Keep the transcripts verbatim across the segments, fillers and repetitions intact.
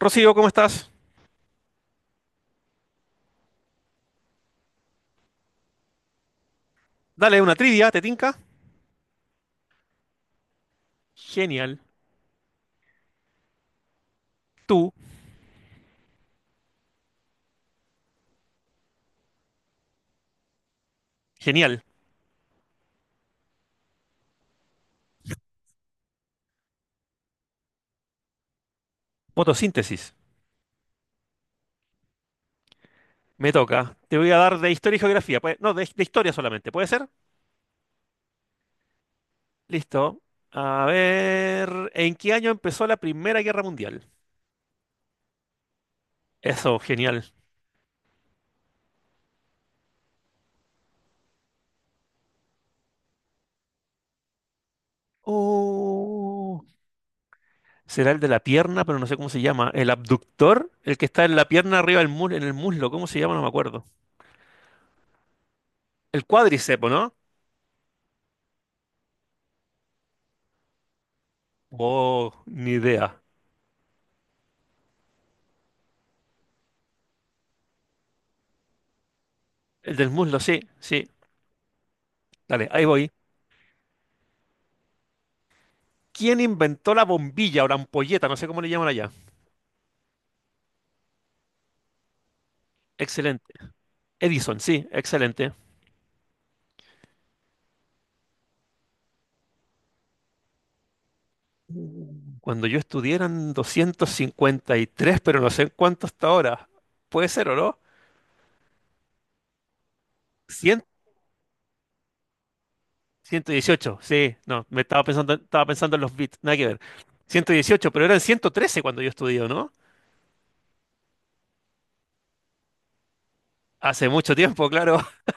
Rocío, ¿cómo estás? Dale una trivia, ¿te tinca? Genial. Tú, genial. Fotosíntesis. Me toca. Te voy a dar de historia y geografía. Puede- No, de, de historia solamente. ¿Puede ser? Listo. A ver. ¿En qué año empezó la Primera Guerra Mundial? Eso, genial. Oh, será el de la pierna, pero no sé cómo se llama. ¿El abductor? El que está en la pierna arriba del muslo, en el muslo. ¿Cómo se llama? No me acuerdo. El cuádriceps, ¿no? Oh, ni idea. El del muslo, sí, sí. Dale, ahí voy. ¿Quién inventó la bombilla o la ampolleta? No sé cómo le llaman allá. Excelente. Edison, sí, excelente. Cuando yo estudié eran doscientos cincuenta y tres, pero no sé en cuánto hasta ahora. ¿Puede ser o no? cien, ciento dieciocho, sí. No, me estaba pensando, estaba pensando en los bits, nada que ver. ciento dieciocho, pero eran ciento trece cuando yo estudié, ¿no? Hace mucho tiempo, claro.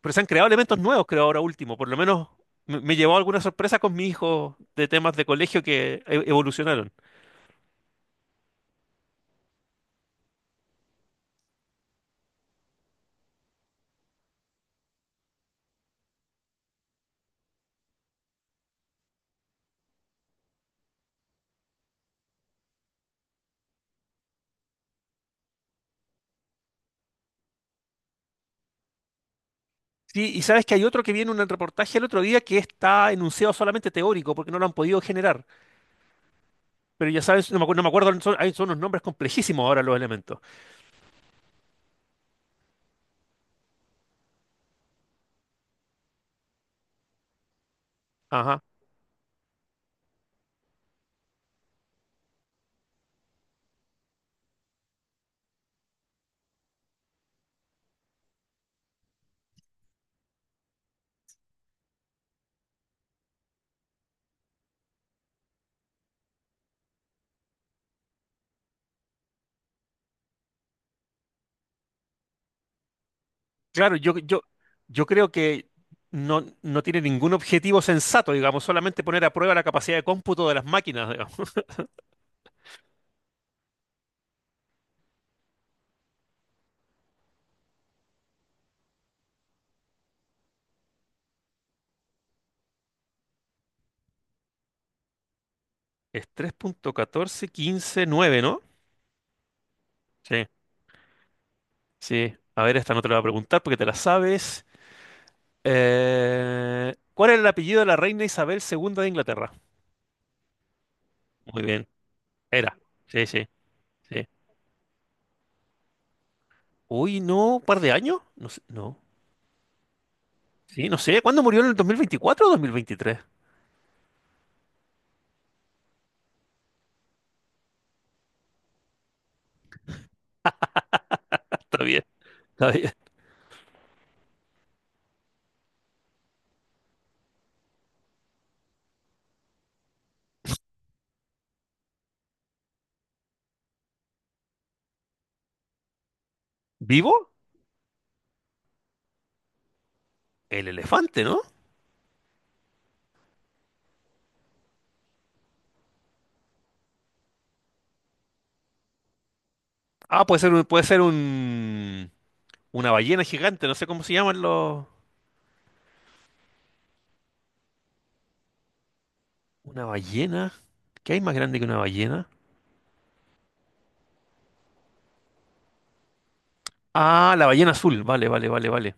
Pero se han creado elementos nuevos, creo, ahora último. Por lo menos me, me llevó alguna sorpresa con mi hijo de temas de colegio que e- evolucionaron. Sí, y sabes que hay otro que viene en un reportaje el otro día que está enunciado solamente teórico porque no lo han podido generar. Pero ya sabes, no me, acu- no me acuerdo, son, hay- son unos nombres complejísimos ahora los elementos. Ajá. Claro, yo, yo, yo creo que no, no tiene ningún objetivo sensato, digamos, solamente poner a prueba la capacidad de cómputo de las máquinas, digamos. Es tres punto catorce quince nueve, ¿no? Sí, sí. A ver, esta no te la voy a preguntar porque te la sabes. Eh, ¿cuál era el apellido de la reina Isabel segunda de Inglaterra? Muy bien, era. Sí, sí. Sí. Uy, no, un par de años. No sé, no. Sí, no sé. ¿Cuándo murió en el dos mil veinticuatro o dos mil veintitrés? Está bien, está bien. ¿Vivo? El elefante, ¿no? Ah, puede ser un, puede ser un, una ballena gigante. No sé cómo se llaman los. Una ballena. ¿Qué hay más grande que una ballena? Ah, la ballena azul. Vale, vale, vale, vale.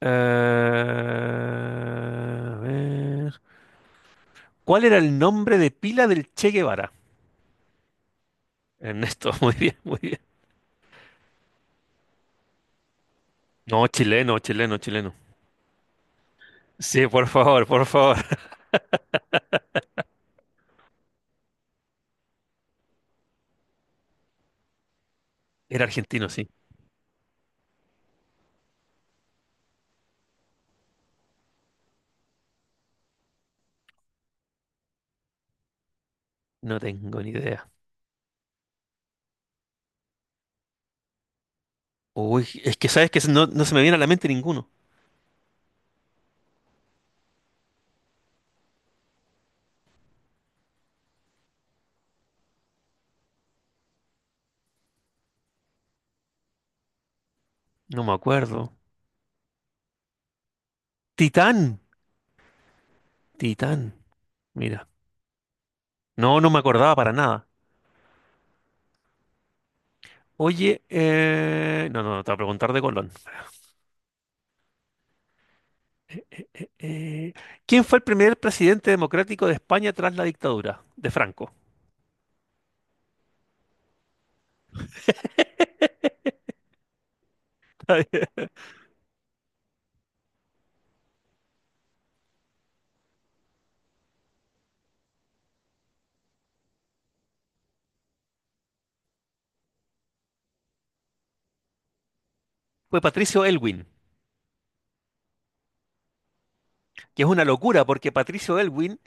Eh, a ver. ¿Cuál era el nombre de pila del Che Guevara? Ernesto, muy bien, muy bien. No, chileno, chileno, chileno. Sí, por favor, por favor. Era argentino, sí. No tengo ni idea. Uy, es que sabes que no, no se me viene a la mente ninguno. No me acuerdo. Titán. Titán. Mira. No, no me acordaba para nada. Oye, eh, no, no, no, te voy a preguntar de Colón. Eh, ¿quién fue el primer presidente democrático de España tras la dictadura de Franco? Fue Patricio Elwin, que es una locura porque Patricio Elwin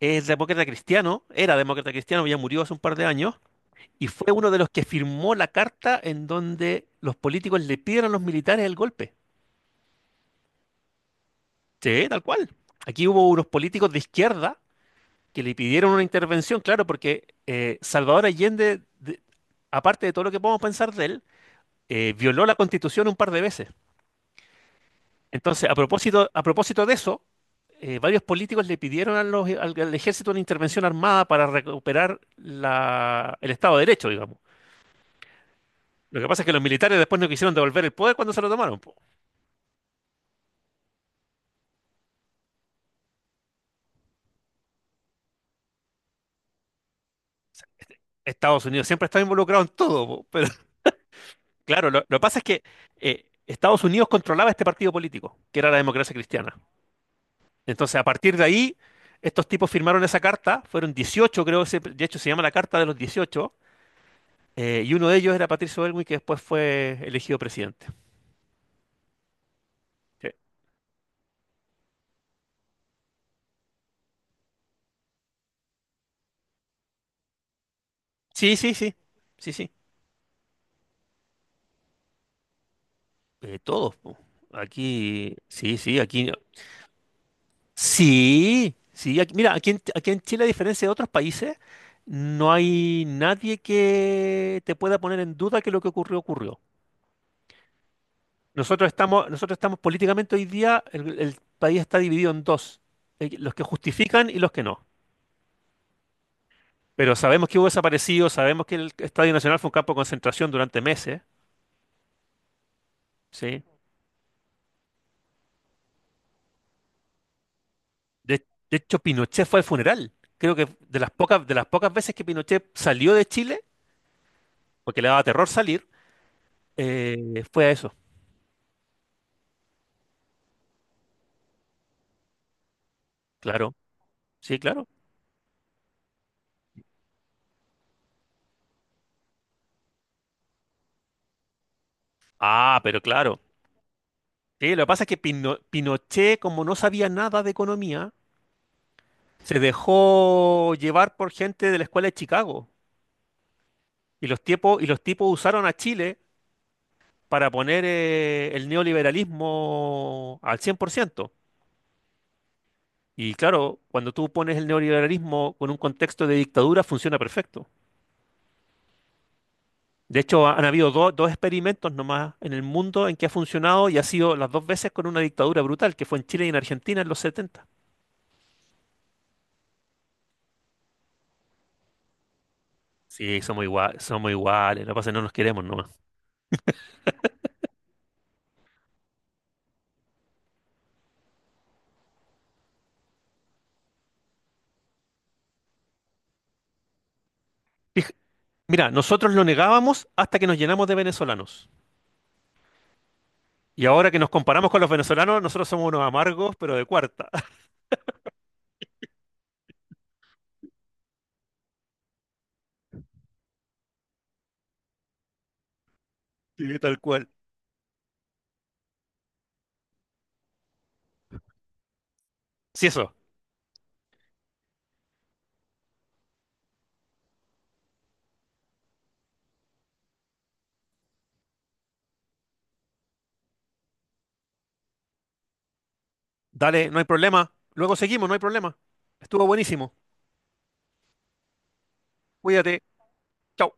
es demócrata cristiano, era demócrata cristiano, ya murió hace un par de años. Y fue uno de los que firmó la carta en donde los políticos le pidieron a los militares el golpe. Sí, tal cual. Aquí hubo unos políticos de izquierda que le pidieron una intervención, claro, porque eh, Salvador Allende, de- aparte de todo lo que podemos pensar de él, eh, violó la Constitución un par de veces. Entonces, a propósito, a propósito de eso, eh, varios políticos le pidieron a los- al, al ejército una intervención armada para recuperar la- el Estado de Derecho, digamos. Lo que pasa es que los militares después no quisieron devolver el poder cuando se lo tomaron. Estados Unidos siempre estaba involucrado en todo, po, pero claro, lo, lo que pasa es que eh, Estados Unidos controlaba este partido político, que era la democracia cristiana. Entonces, a partir de ahí, estos tipos firmaron esa carta, fueron dieciocho, creo, se- de hecho se llama la Carta de los dieciocho, eh, y uno de ellos era Patricio Elwin, que después fue elegido presidente. Sí, sí, sí, sí, sí. Sí. Eh, todos, po. Aquí, sí, sí, aquí. Sí, sí, aquí- mira, aquí en, aquí en Chile, a diferencia de otros países, no hay nadie que te pueda poner en duda que lo que ocurrió ocurrió. Nosotros estamos, nosotros estamos políticamente hoy día, el, el país está dividido en dos, eh, los que justifican y los que no. Pero sabemos que hubo desaparecidos, sabemos que el Estadio Nacional fue un campo de concentración durante meses, ¿sí? De, de hecho, Pinochet fue al funeral. Creo que de las pocas, de las pocas veces que Pinochet salió de Chile, porque le daba terror salir, eh, fue a eso, claro. Sí, claro. Ah, pero claro. Sí, lo que pasa es que Pino- Pinochet, como no sabía nada de economía, se dejó llevar por gente de la escuela de Chicago. Y los tipos, y los tipos usaron a Chile para poner eh, el neoliberalismo al cien por ciento. Y claro, cuando tú pones el neoliberalismo con un contexto de dictadura, funciona perfecto. De hecho, ha- han habido do- dos experimentos nomás en el mundo en que ha funcionado y ha sido las dos veces con una dictadura brutal, que fue en Chile y en Argentina en los setenta. Sí, somos igual, somos iguales, la pasa es que no nos queremos nomás. Fij- Mira, nosotros lo negábamos hasta que nos llenamos de venezolanos. Y ahora que nos comparamos con los venezolanos, nosotros somos unos amargos, pero de cuarta. Sí, tal cual. Sí, eso. Dale, no hay problema. Luego seguimos, no hay problema. Estuvo buenísimo. Cuídate. Chao.